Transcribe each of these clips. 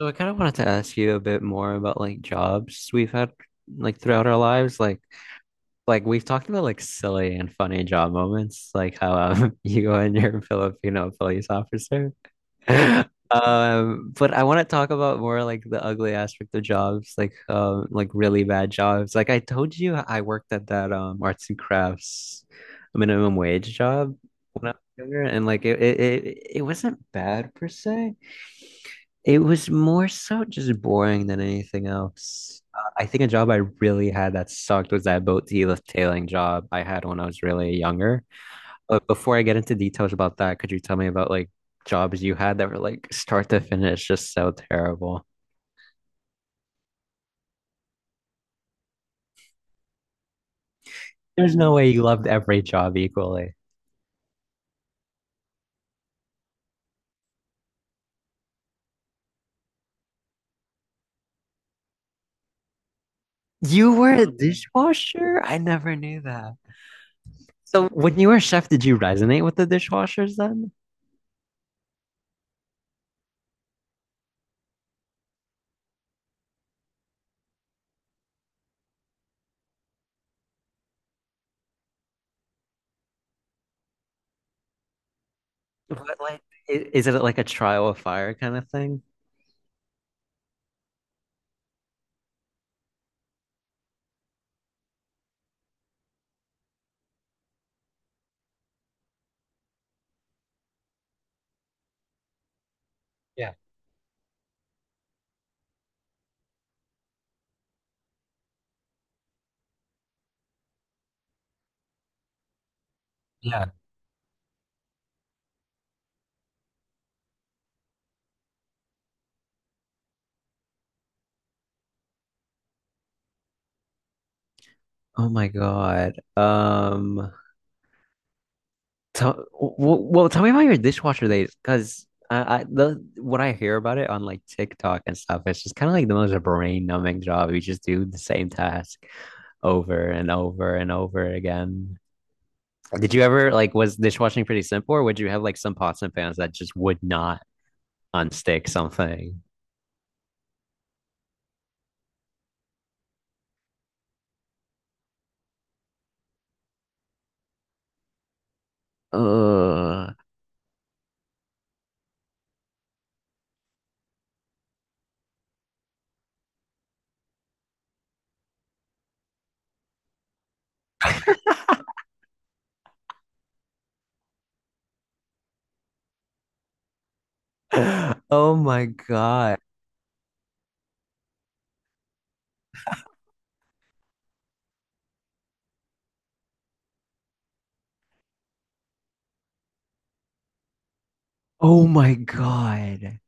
So I kind of wanted to ask you a bit more about like jobs we've had like throughout our lives. Like we've talked about like silly and funny job moments, like how you and your Filipino police officer. But I want to talk about more like the ugly aspect of jobs, like really bad jobs. Like I told you I worked at that arts and crafts minimum wage job when I was younger, and like it wasn't bad per se. It was more so just boring than anything else. I think a job I really had that sucked was that boat deal tailing job I had when I was really younger. But before I get into details about that, could you tell me about like jobs you had that were like start to finish just so terrible? There's no way you loved every job equally. You were a dishwasher? I never knew that. So when you were a chef, did you resonate with the dishwashers then? What like is it like a trial of fire kind of thing? Yeah. Yeah. Oh my God. Tell, well, tell me about your dishwasher days, because I the what I hear about it on like TikTok and stuff, it's just kind of like the most brain-numbing job. You just do the same task over and over and over again. Did you ever like was dishwashing pretty simple, or would you have like some pots and pans that just would not unstick something? Ugh. Oh my God. Oh my God.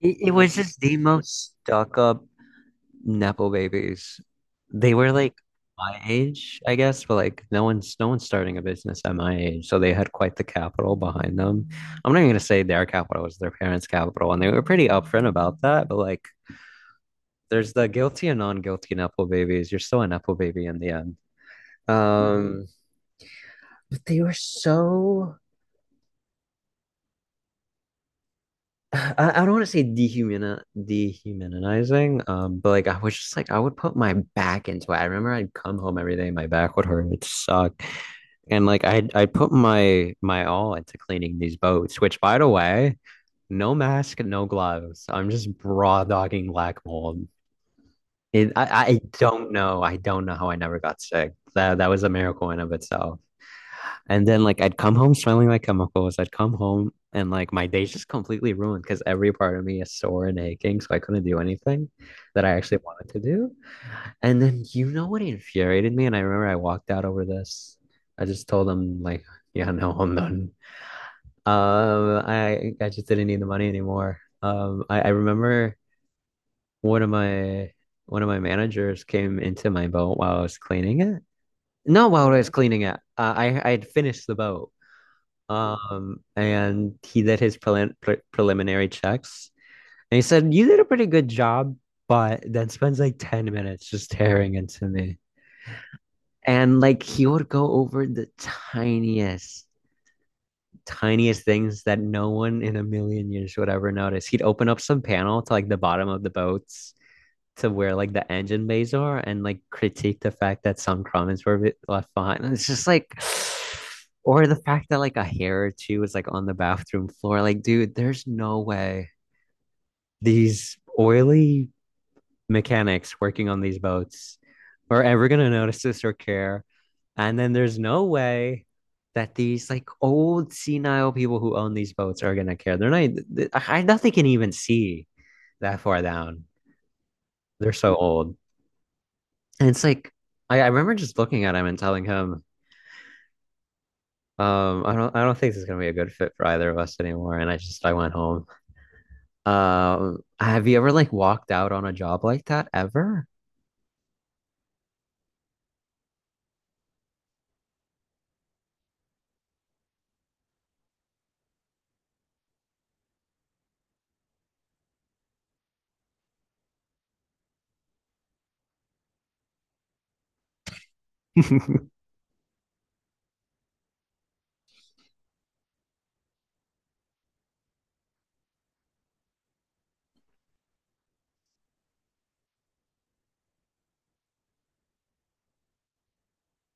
It was just the most stuck up Nepo babies. They were like my age, I guess, but like no one's starting a business at my age. So they had quite the capital behind them. I'm not even gonna say their capital was their parents' capital, and they were pretty upfront about that, but like there's the guilty and non-guilty Nepo babies. You're still a Nepo baby in the end. Um, but they were so I don't want to say dehumanizing, but like I was just like I would put my back into it. I remember I'd come home every day, my back would hurt, it would suck. And like I put my all into cleaning these boats, which by the way, no mask, no gloves. I'm just raw dogging black mold. It, I, I don't know. I don't know how I never got sick. That was a miracle in of itself. And then like I'd come home smelling like chemicals. I'd come home and like my day's just completely ruined because every part of me is sore and aching, so I couldn't do anything that I actually wanted to do. And then you know what infuriated me? And I remember I walked out over this. I just told them like, yeah, no, I'm done. I just didn't need the money anymore. I remember one of my one of my managers came into my boat while I was cleaning it. No, while I was cleaning it, I had finished the boat. And he did his preliminary checks, and he said, "You did a pretty good job," but then spends like 10 minutes just tearing into me. And like he would go over the tiniest things that no one in a million years would ever notice. He'd open up some panel to like the bottom of the boats to where like the engine bays are and like critique the fact that some comments were a bit left behind. And it's just like, or the fact that like a hair or two was like on the bathroom floor. Like, dude, there's no way these oily mechanics working on these boats are ever going to notice this or care. And then there's no way that these like old senile people who own these boats are going to care. They're not, I nothing can even see that far down. They're so old. And it's like, I remember just looking at him and telling him, I don't think this is going to be a good fit for either of us anymore. I went home. Have you ever like walked out on a job like that ever?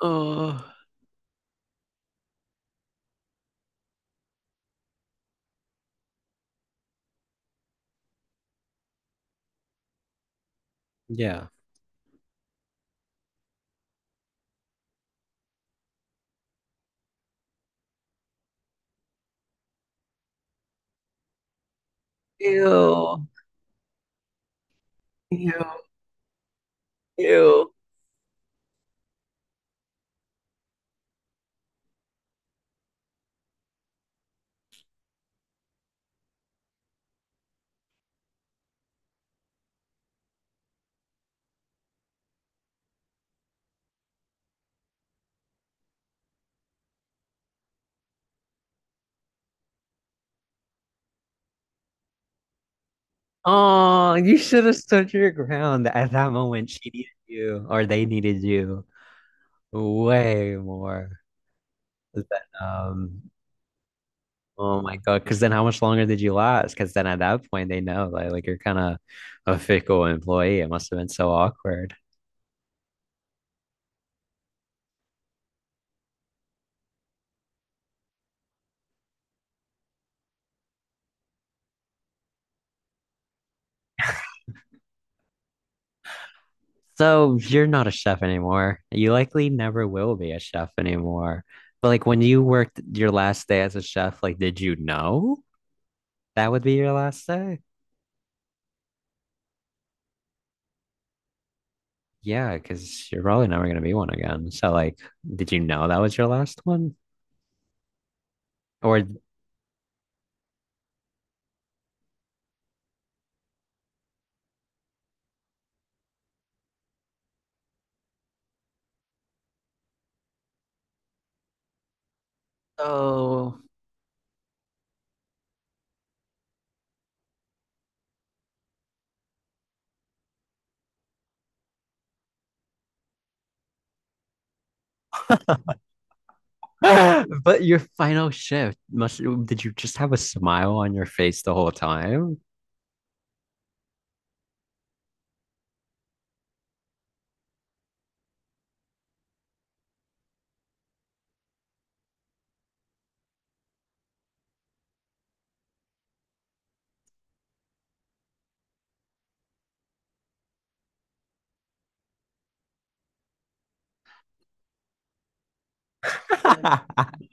Oh, Yeah. ew, ew, ew. Oh, you should have stood your ground at that moment. She needed you, or they needed you way more than, um, oh my God. Because then how much longer did you last? Because then at that point, they know like you're kind of a fickle employee. It must have been so awkward. So you're not a chef anymore. You likely never will be a chef anymore. But like when you worked your last day as a chef, like did you know that would be your last day? Yeah, because you're probably never gonna be one again. So like, did you know that was your last one? Or oh, but your final shift must did you just have a smile on your face the whole time?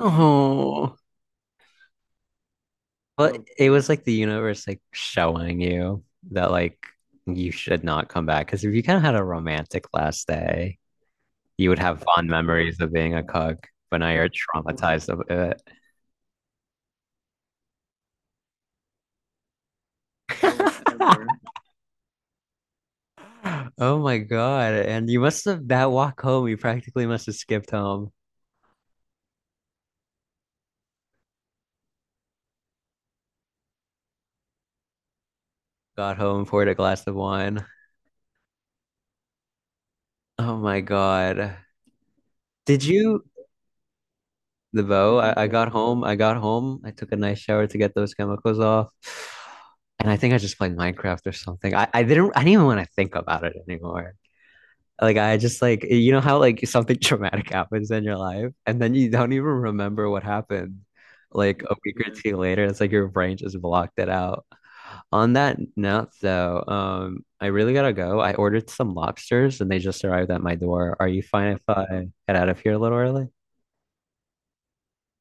Oh. Well, so it was like the universe like showing you that like you should not come back. Because if you kind of had a romantic last day, you would have fond memories of being a cuck, but now you're traumatized of it. forever. Oh my God. And you must have that walk home, you practically must have skipped home, got home, poured a glass of wine. Oh my God. Did you The bow. I got home. I got home. I took a nice shower to get those chemicals off. And I think I just played Minecraft or something. I didn't even want to think about it anymore. Like I just like you know how like something traumatic happens in your life and then you don't even remember what happened. Like a week or Mhm. two later, it's like your brain just blocked it out. On that note, though, I really gotta go. I ordered some lobsters and they just arrived at my door. Are you fine if I get out of here a little early?